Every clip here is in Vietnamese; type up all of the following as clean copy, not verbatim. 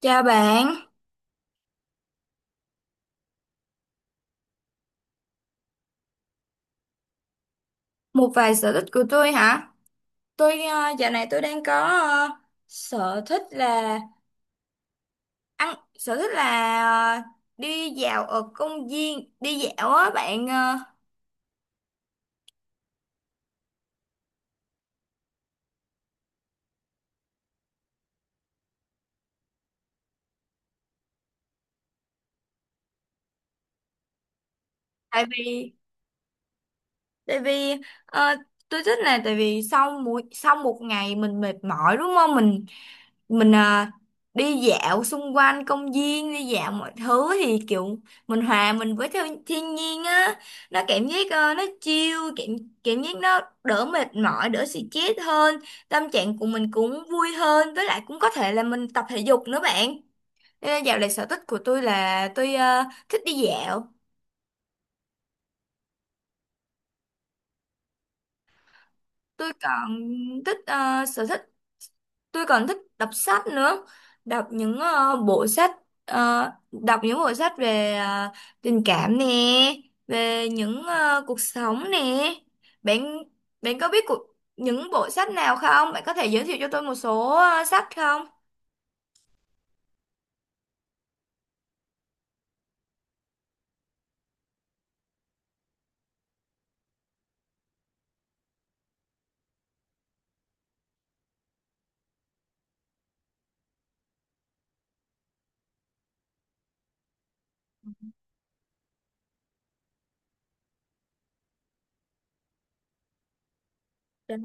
Chào bạn, một vài sở thích của tôi hả? Tôi dạo này tôi đang có sở thích là ăn, sở thích là đi dạo ở công viên, đi dạo á bạn. Ờ, tại vì, tại vì ờ, tôi thích là tại vì sau một ngày mình mệt mỏi đúng không? Mình đi dạo xung quanh công viên, đi dạo mọi thứ thì kiểu mình hòa mình với theo thiên nhiên á, nó cảm giác nó chill, cảm cảm giác nó đỡ mệt mỏi, đỡ stress hơn, tâm trạng của mình cũng vui hơn, với lại cũng có thể là mình tập thể dục nữa bạn. Nên là dạo này sở thích của tôi là tôi thích đi dạo. Tôi còn thích ờ, sở thích tôi còn thích đọc sách nữa, đọc những đọc những bộ sách về tình cảm nè, về những cuộc sống nè. Bạn bạn có biết những bộ sách nào không, bạn có thể giới thiệu cho tôi một số sách không? Đó.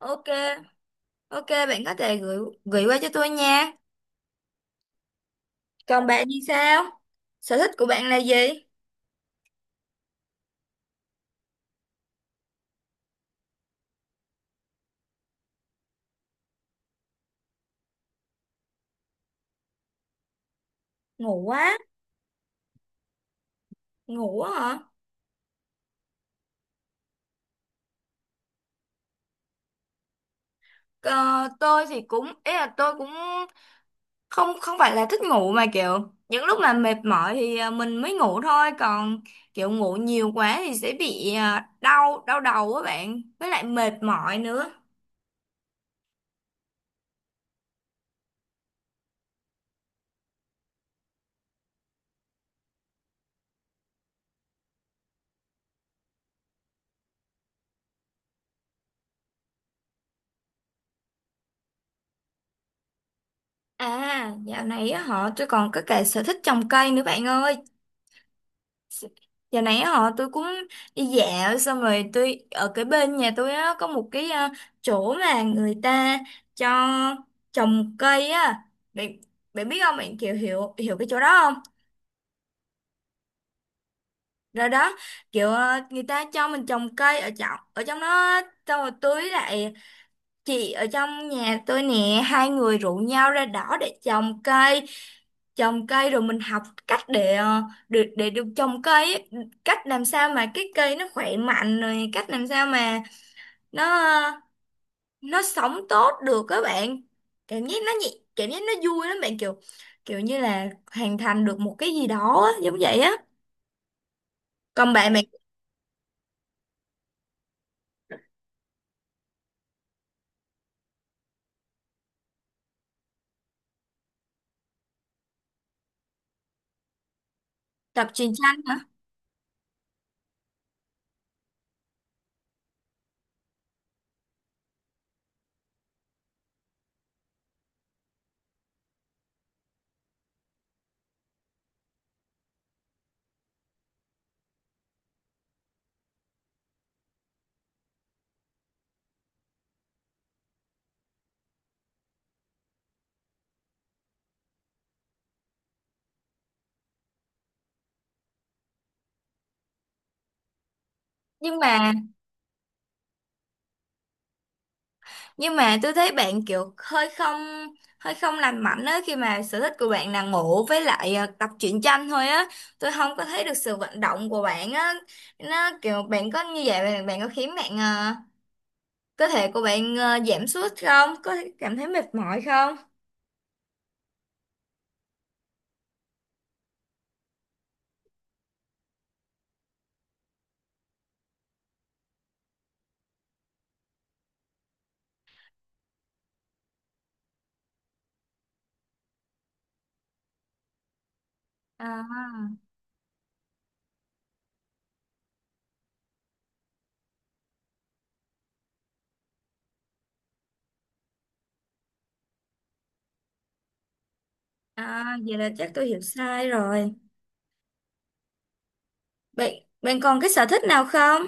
Ok, ok, bạn có thể gửi gửi qua cho tôi nha. Còn bạn thì sao, sở thích của bạn là gì? Ngủ quá. Ngủ á hả? Ờ, tôi thì cũng, ý là tôi cũng không, không phải là thích ngủ, mà kiểu những lúc mà mệt mỏi thì mình mới ngủ thôi, còn kiểu ngủ nhiều quá thì sẽ bị đau, đau đầu á bạn, với lại mệt mỏi nữa. À, dạo này á họ tôi còn có cả sở thích trồng cây nữa bạn ơi. Dạo này á họ tôi cũng đi dạo, xong rồi tôi ở cái bên nhà tôi á có một cái chỗ mà người ta cho trồng cây á bạn. Bạn biết không bạn, kiểu hiểu hiểu cái chỗ đó không? Rồi đó, kiểu người ta cho mình trồng cây ở trong đó, xong rồi tưới lại. Chị ở trong nhà tôi nè, hai người rủ nhau ra đó để trồng cây, trồng cây rồi mình học cách để để được trồng cây ấy. Cách làm sao mà cái cây nó khỏe mạnh, rồi cách làm sao mà nó ờ, nó sống tốt được các bạn. Cảm giác nó nhẹ, cảm giác nó vui lắm bạn, kiểu kiểu như là hoàn thành được một cái gì đó á, giống vậy á. Còn bạn bạn. Tập truyền tranh hả? Nhưng mà, tôi thấy bạn kiểu hơi không, hơi không lành mạnh á, khi mà sở thích của bạn là ngủ với lại tập truyện tranh thôi á. Tôi không có thấy được sự vận động của bạn á. Nó kiểu bạn có như vậy bạn, bạn có khiến cơ thể của bạn giảm sút không, có cảm thấy mệt mỏi không? À, à vậy là chắc tôi hiểu sai rồi. Bạn bạn còn cái sở thích nào không?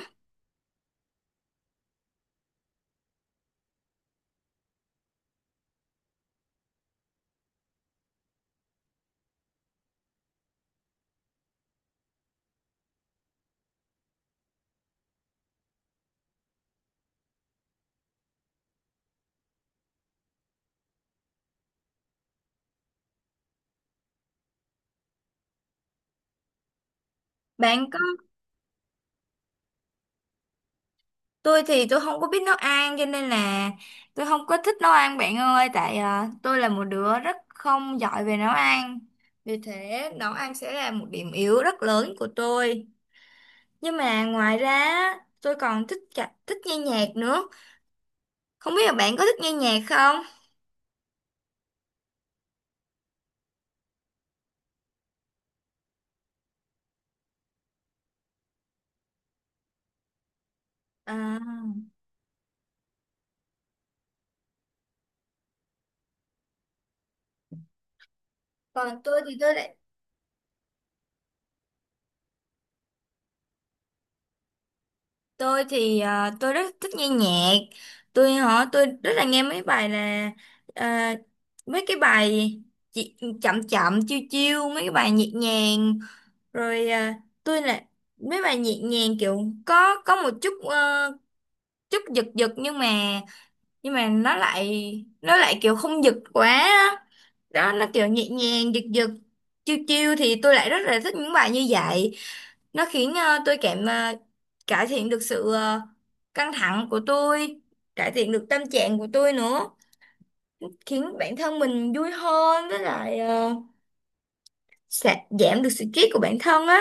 Bạn có Tôi thì tôi không có biết nấu ăn, cho nên là tôi không có thích nấu ăn bạn ơi, tại tôi là một đứa rất không giỏi về nấu ăn. Vì thế nấu ăn sẽ là một điểm yếu rất lớn của tôi. Nhưng mà ngoài ra á, tôi còn thích cả, thích nghe nhạc nữa. Không biết là bạn có thích nghe nhạc không? à, Còn tôi thì tôi lại, tôi thì tôi rất thích nghe nhạc. Tôi họ tôi rất là nghe mấy bài là à, mấy cái bài chị, chậm chậm chiêu chiêu, mấy cái bài nhẹ nhàng, rồi à, tôi là mấy bài nhẹ nhàng kiểu có một chút chút giật giật, nhưng mà, nó lại, nó lại kiểu không giật quá. Đó là kiểu nhẹ nhàng, giật giật chiêu chiêu thì tôi lại rất là thích những bài như vậy. Nó khiến cải thiện được căng thẳng của tôi, cải thiện được tâm trạng của tôi nữa, khiến bản thân mình vui hơn, với lại sẽ giảm được stress của bản thân á.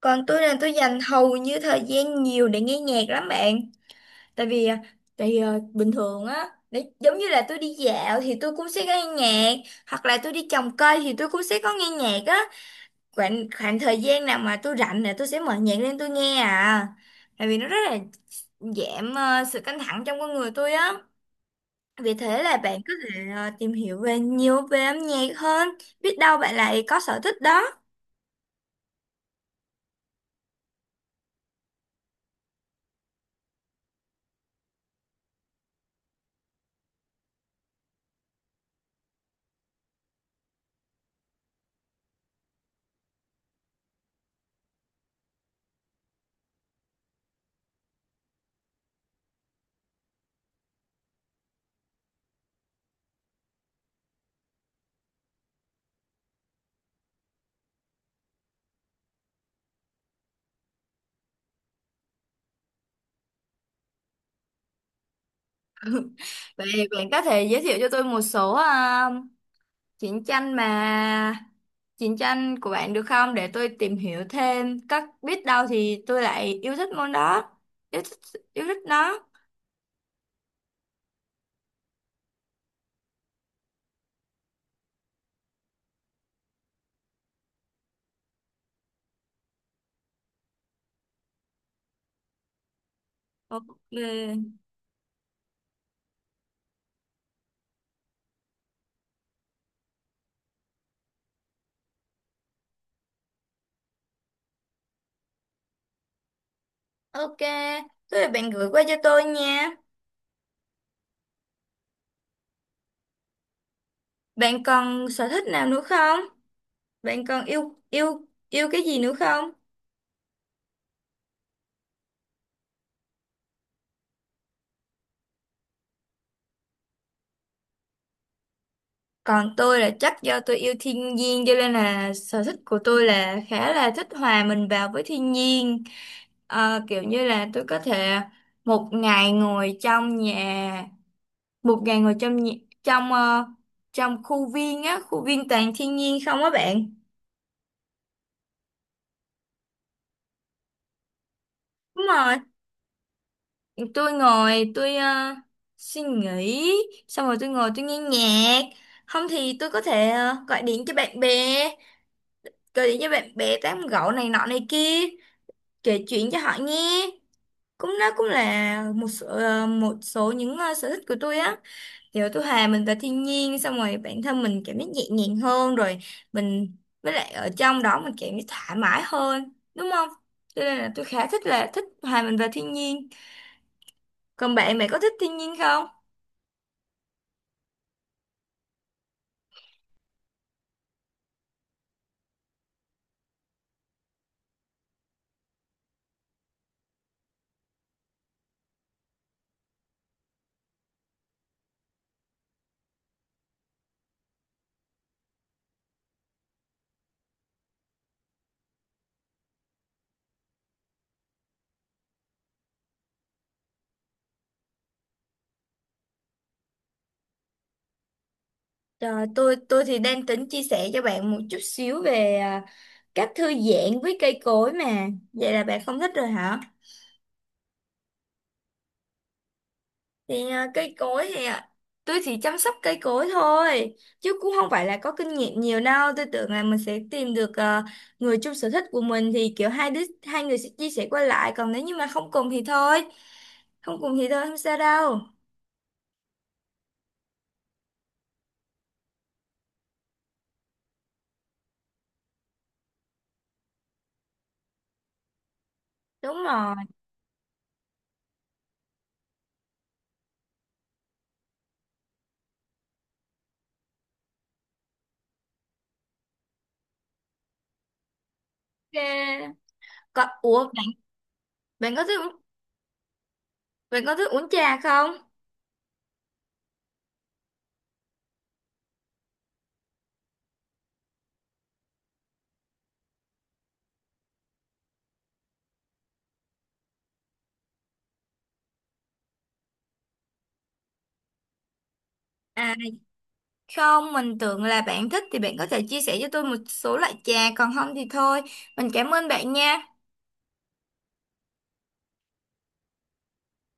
Còn tôi là tôi dành hầu như thời gian nhiều để nghe nhạc lắm bạn. Tại vì ờ, tại vì, ờ, bình thường á, để giống như là tôi đi dạo thì tôi cũng sẽ nghe nhạc, hoặc là tôi đi trồng cây thì tôi cũng sẽ có nghe nhạc á. Khoảng khoảng thời gian nào mà tôi rảnh là tôi sẽ mở nhạc lên tôi nghe à. Tại vì nó rất là giảm sự căng thẳng trong con người tôi á. Vì thế là bạn có thể tìm hiểu nhiều về âm nhạc hơn, biết đâu bạn lại có sở thích đó. Vậy bạn có thể giới thiệu cho tôi một số chiến tranh mà chiến tranh của bạn được không, để tôi tìm hiểu thêm các biết đâu thì tôi lại yêu thích môn đó, yêu thích yêu thích nó. Ok. Ok, thế là bạn gửi qua cho tôi nha. Bạn còn sở thích nào nữa không? Bạn còn yêu yêu yêu cái gì nữa không? Còn tôi là chắc do tôi yêu thiên nhiên, cho nên là sở thích của tôi là khá là thích hòa mình vào với thiên nhiên. Ờ, kiểu như là tôi có thể một ngày ngồi trong nhà, một ngày ngồi trong nhà, trong ờ, trong khu viên á, khu viên toàn thiên nhiên không á bạn? Đúng rồi. Tôi ngồi tôi ờ, suy nghĩ xong rồi tôi ngồi tôi nghe nhạc, không thì tôi có thể gọi điện cho bạn bè, gọi điện cho bạn bè tám gẫu này nọ này kia, kể chuyện cho họ nghe. Cũng nó cũng là một số, một số những sở thích của tôi á. Kiểu tôi hòa mình vào thiên nhiên, xong rồi bản thân mình cảm giác nhẹ nhàng hơn rồi mình, với lại ở trong đó mình cảm giác thoải mái hơn đúng không, cho nên là tôi khá thích là thích hòa mình vào thiên nhiên. Còn bạn bạn có thích thiên nhiên không? Rồi, tôi thì đang tính chia sẻ cho bạn một chút xíu về cách thư giãn với cây cối mà. Vậy là bạn không thích rồi hả? Thì cây cối thì tôi chỉ chăm sóc cây cối thôi, chứ cũng không phải là có kinh nghiệm nhiều đâu. Tôi tưởng là mình sẽ tìm được người chung sở thích của mình thì kiểu hai người sẽ chia sẻ qua lại, còn nếu như mà không cùng thì thôi. Không cùng thì thôi, không sao đâu. Đúng rồi. Ok. Có, ủa bạn, bạn có thích uống- bạn có thích uống trà không? À, không, mình tưởng là bạn thích thì bạn có thể chia sẻ cho tôi một số loại trà, còn không thì thôi. Mình cảm ơn bạn nha.